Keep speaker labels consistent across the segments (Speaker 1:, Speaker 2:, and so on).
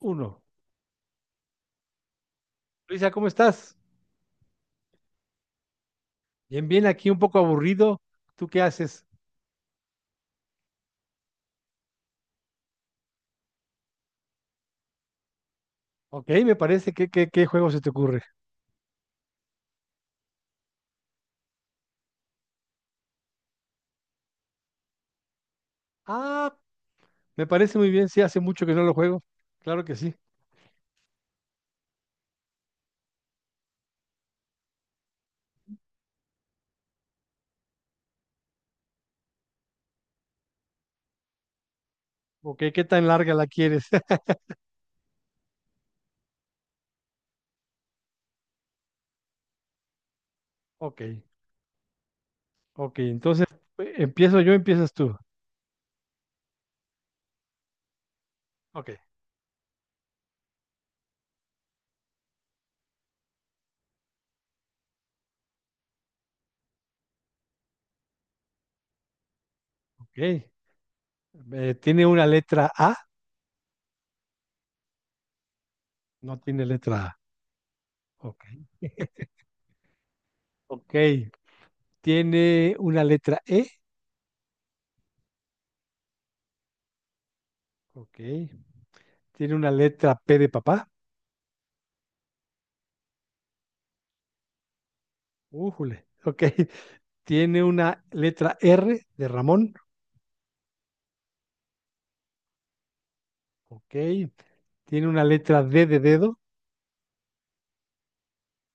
Speaker 1: Uno. Luisa, ¿cómo estás? Bien, bien, aquí un poco aburrido. ¿Tú qué haces? Ok, me parece. ¿Qué juego se te ocurre? Ah, me parece muy bien. Sí, hace mucho que no lo juego. Claro que sí. Ok, ¿qué tan larga la quieres? Ok, ok. Entonces, ¿empiezo yo empiezas tú? Ok, ok. ¿Tiene una letra A? No tiene letra A. Ok. Ok. ¿Tiene una letra E? Ok. ¿Tiene una letra P de papá? Újule. Ok. Tiene una letra R de Ramón. Ok. Tiene una letra D de dedo,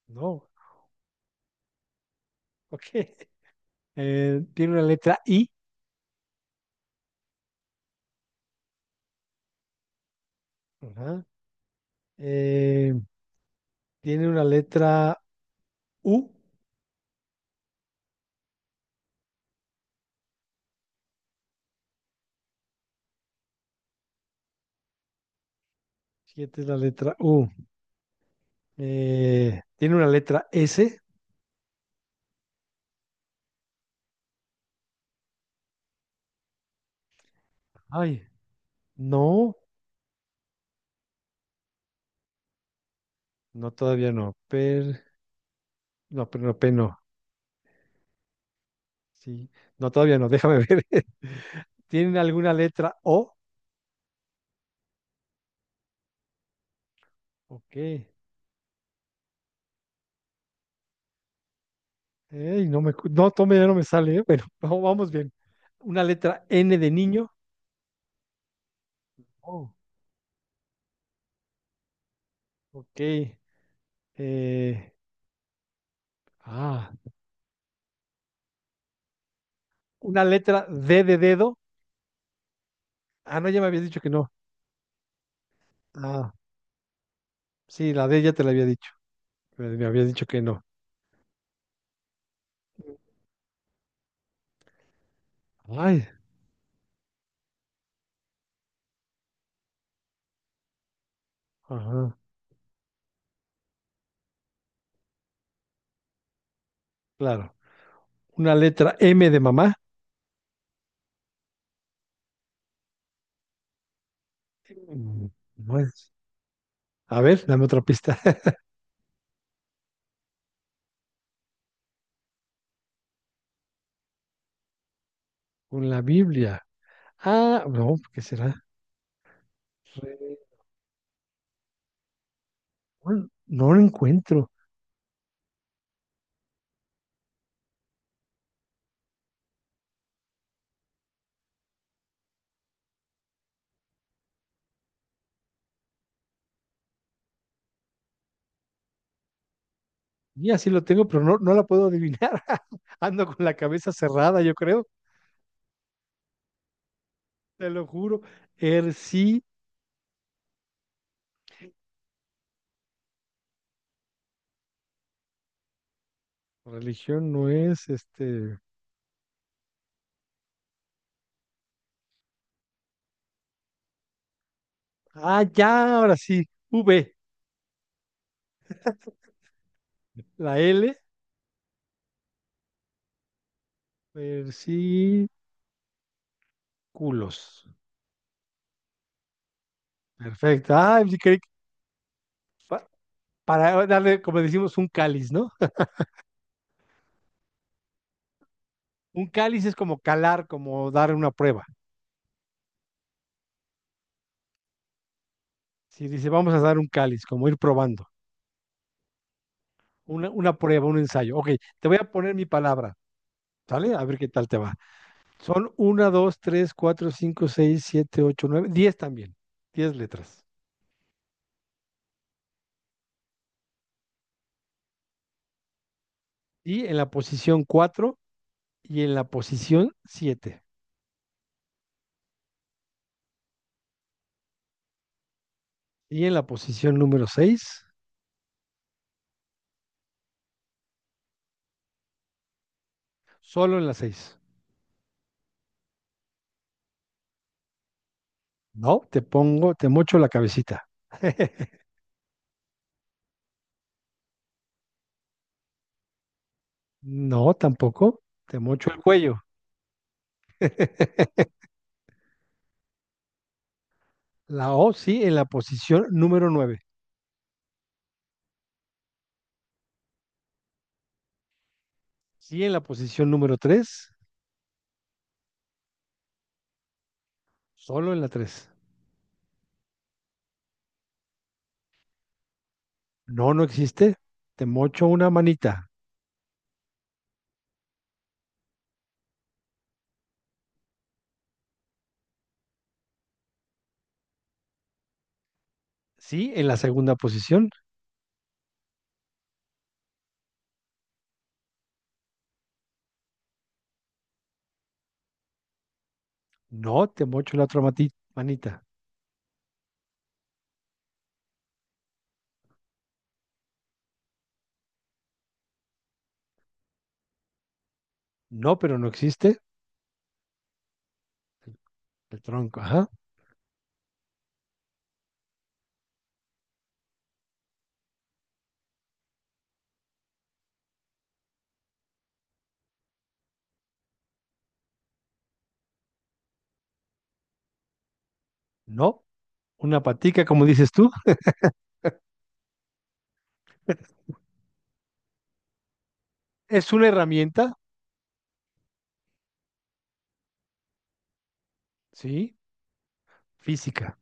Speaker 1: no. Ok. Tiene una letra I, ajá. Eh, tiene una letra U, siete es la letra U. Tiene una letra S, ay, no, no, todavía no. No, pero no, per no. Sí, no, todavía no, déjame ver. ¿Tienen alguna letra O? Ok. Ey, no me, no, tome, ya no me sale, ¿eh? Bueno, vamos bien. Una letra N de niño. Oh, ok. Eh, ah, una letra D de dedo. Ah, no, ya me habías dicho que no. Ah, sí, la D ya te la había dicho, pero me habías dicho que no. Ay, ajá, claro. Una letra M de mamá. Mm. No es. A ver, dame otra pista. Con la Biblia. Ah, no, ¿qué será? Re- No, no lo encuentro. Y así lo tengo, pero no, no la puedo adivinar. Ando con la cabeza cerrada, yo creo, te lo juro. Er sí, religión no es este. Ah, ya, ahora sí. V, la L, versículos. Perfecto. Ah, sí creí que pa- para darle, como decimos, un cáliz, ¿no? Un cáliz es como calar, como dar una prueba. Si dice, vamos a dar un cáliz, como ir probando. Una prueba, un ensayo. Ok, te voy a poner mi palabra, ¿sale? A ver qué tal te va. Son uno, 2 3 4 5 6 7 8 9 10 también. 10 letras. Y en la posición 4 y en la posición siete. Y en la posición número seis, solo en la seis. No, te pongo, te mocho la cabecita. No, tampoco. Te mocho el cuello. La O sí, en la posición número nueve. Sí, en la posición número tres, solo en la tres. No, no existe. Te mocho una manita. Sí, en la segunda posición. No, te mocho la otra manita. No, pero no existe. El tronco, ajá. No, una patica, como dices tú, es una herramienta, sí, física.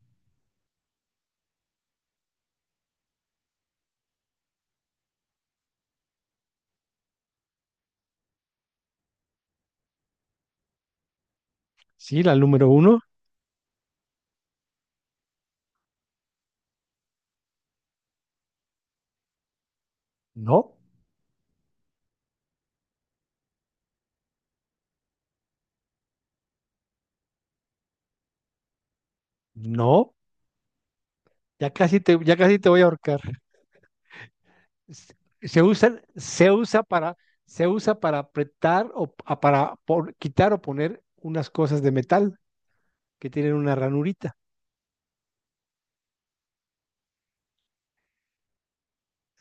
Speaker 1: Sí, la número uno. No, no. Ya casi te voy a ahorcar. Se se usa, se usa para, se usa para apretar o para quitar o poner unas cosas de metal que tienen una ranurita.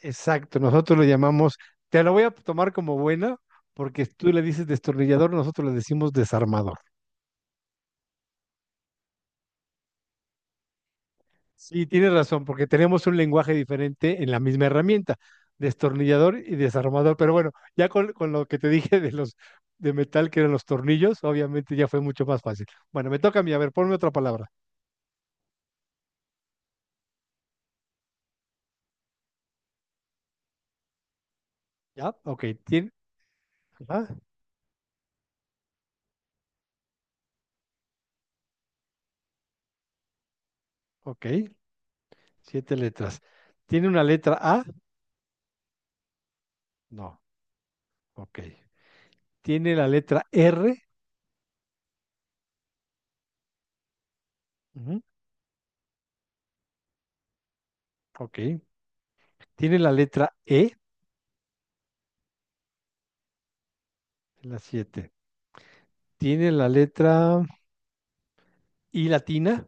Speaker 1: Exacto, nosotros lo llamamos, te lo voy a tomar como buena, porque tú le dices destornillador, nosotros le decimos desarmador. Sí, tienes razón, porque tenemos un lenguaje diferente en la misma herramienta, destornillador y desarmador. Pero bueno, ya con lo que te dije de los de metal que eran los tornillos, obviamente ya fue mucho más fácil. Bueno, me toca a mí, a ver, ponme otra palabra. ¿Ya? Ok, tiene, ajá, ok, siete letras. ¿Tiene una letra A? No. Ok. ¿Tiene la letra R? Ujú. Ok. Tiene la letra E, la siete. Tiene la letra I latina,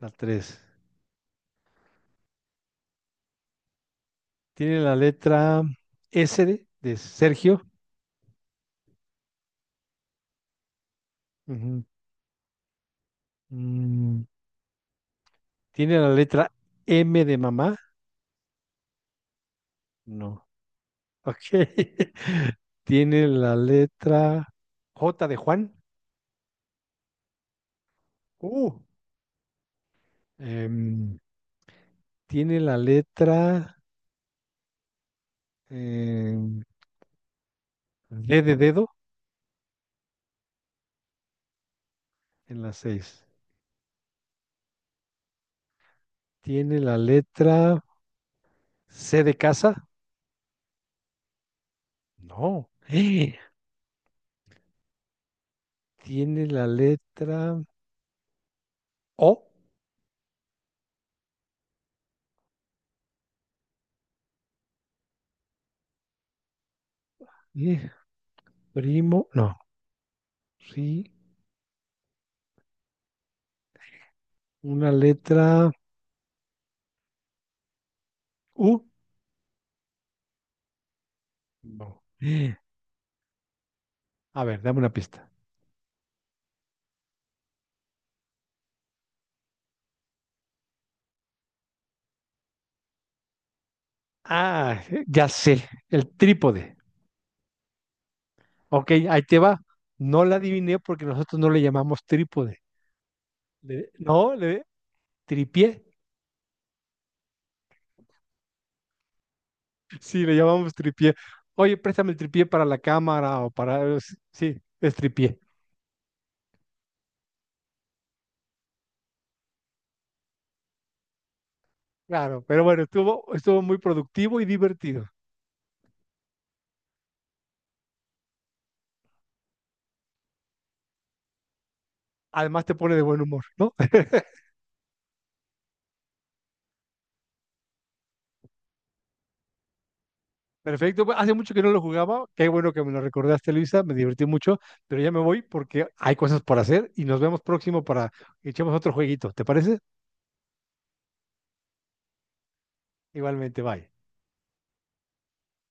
Speaker 1: la tres. Tiene la letra S de Sergio. Ujú. Mm, Tiene la letra M de mamá. No. Ok. Tiene la letra J de Juan. Uh. Em, tiene la letra em, D de dedo en la seis. Tiene la letra C de casa. No. Tiene la letra O, eh, primo, no, sí, una letra U, no. A ver, dame una pista. Ah, ya sé, el trípode. Ok, ahí te va. No la adiviné porque nosotros no le llamamos trípode. No, le tripié. Sí, le llamamos tripié. Oye, préstame el tripié para la cámara o para. Sí, sí, es tripié. Claro, pero bueno, estuvo muy productivo y divertido. Además te pone de buen humor, ¿no? Perfecto, pues, hace mucho que no lo jugaba, qué bueno que me lo recordaste, Luisa, me divertí mucho, pero ya me voy porque hay cosas por hacer y nos vemos próximo para que echemos otro jueguito, ¿te parece? Igualmente, bye.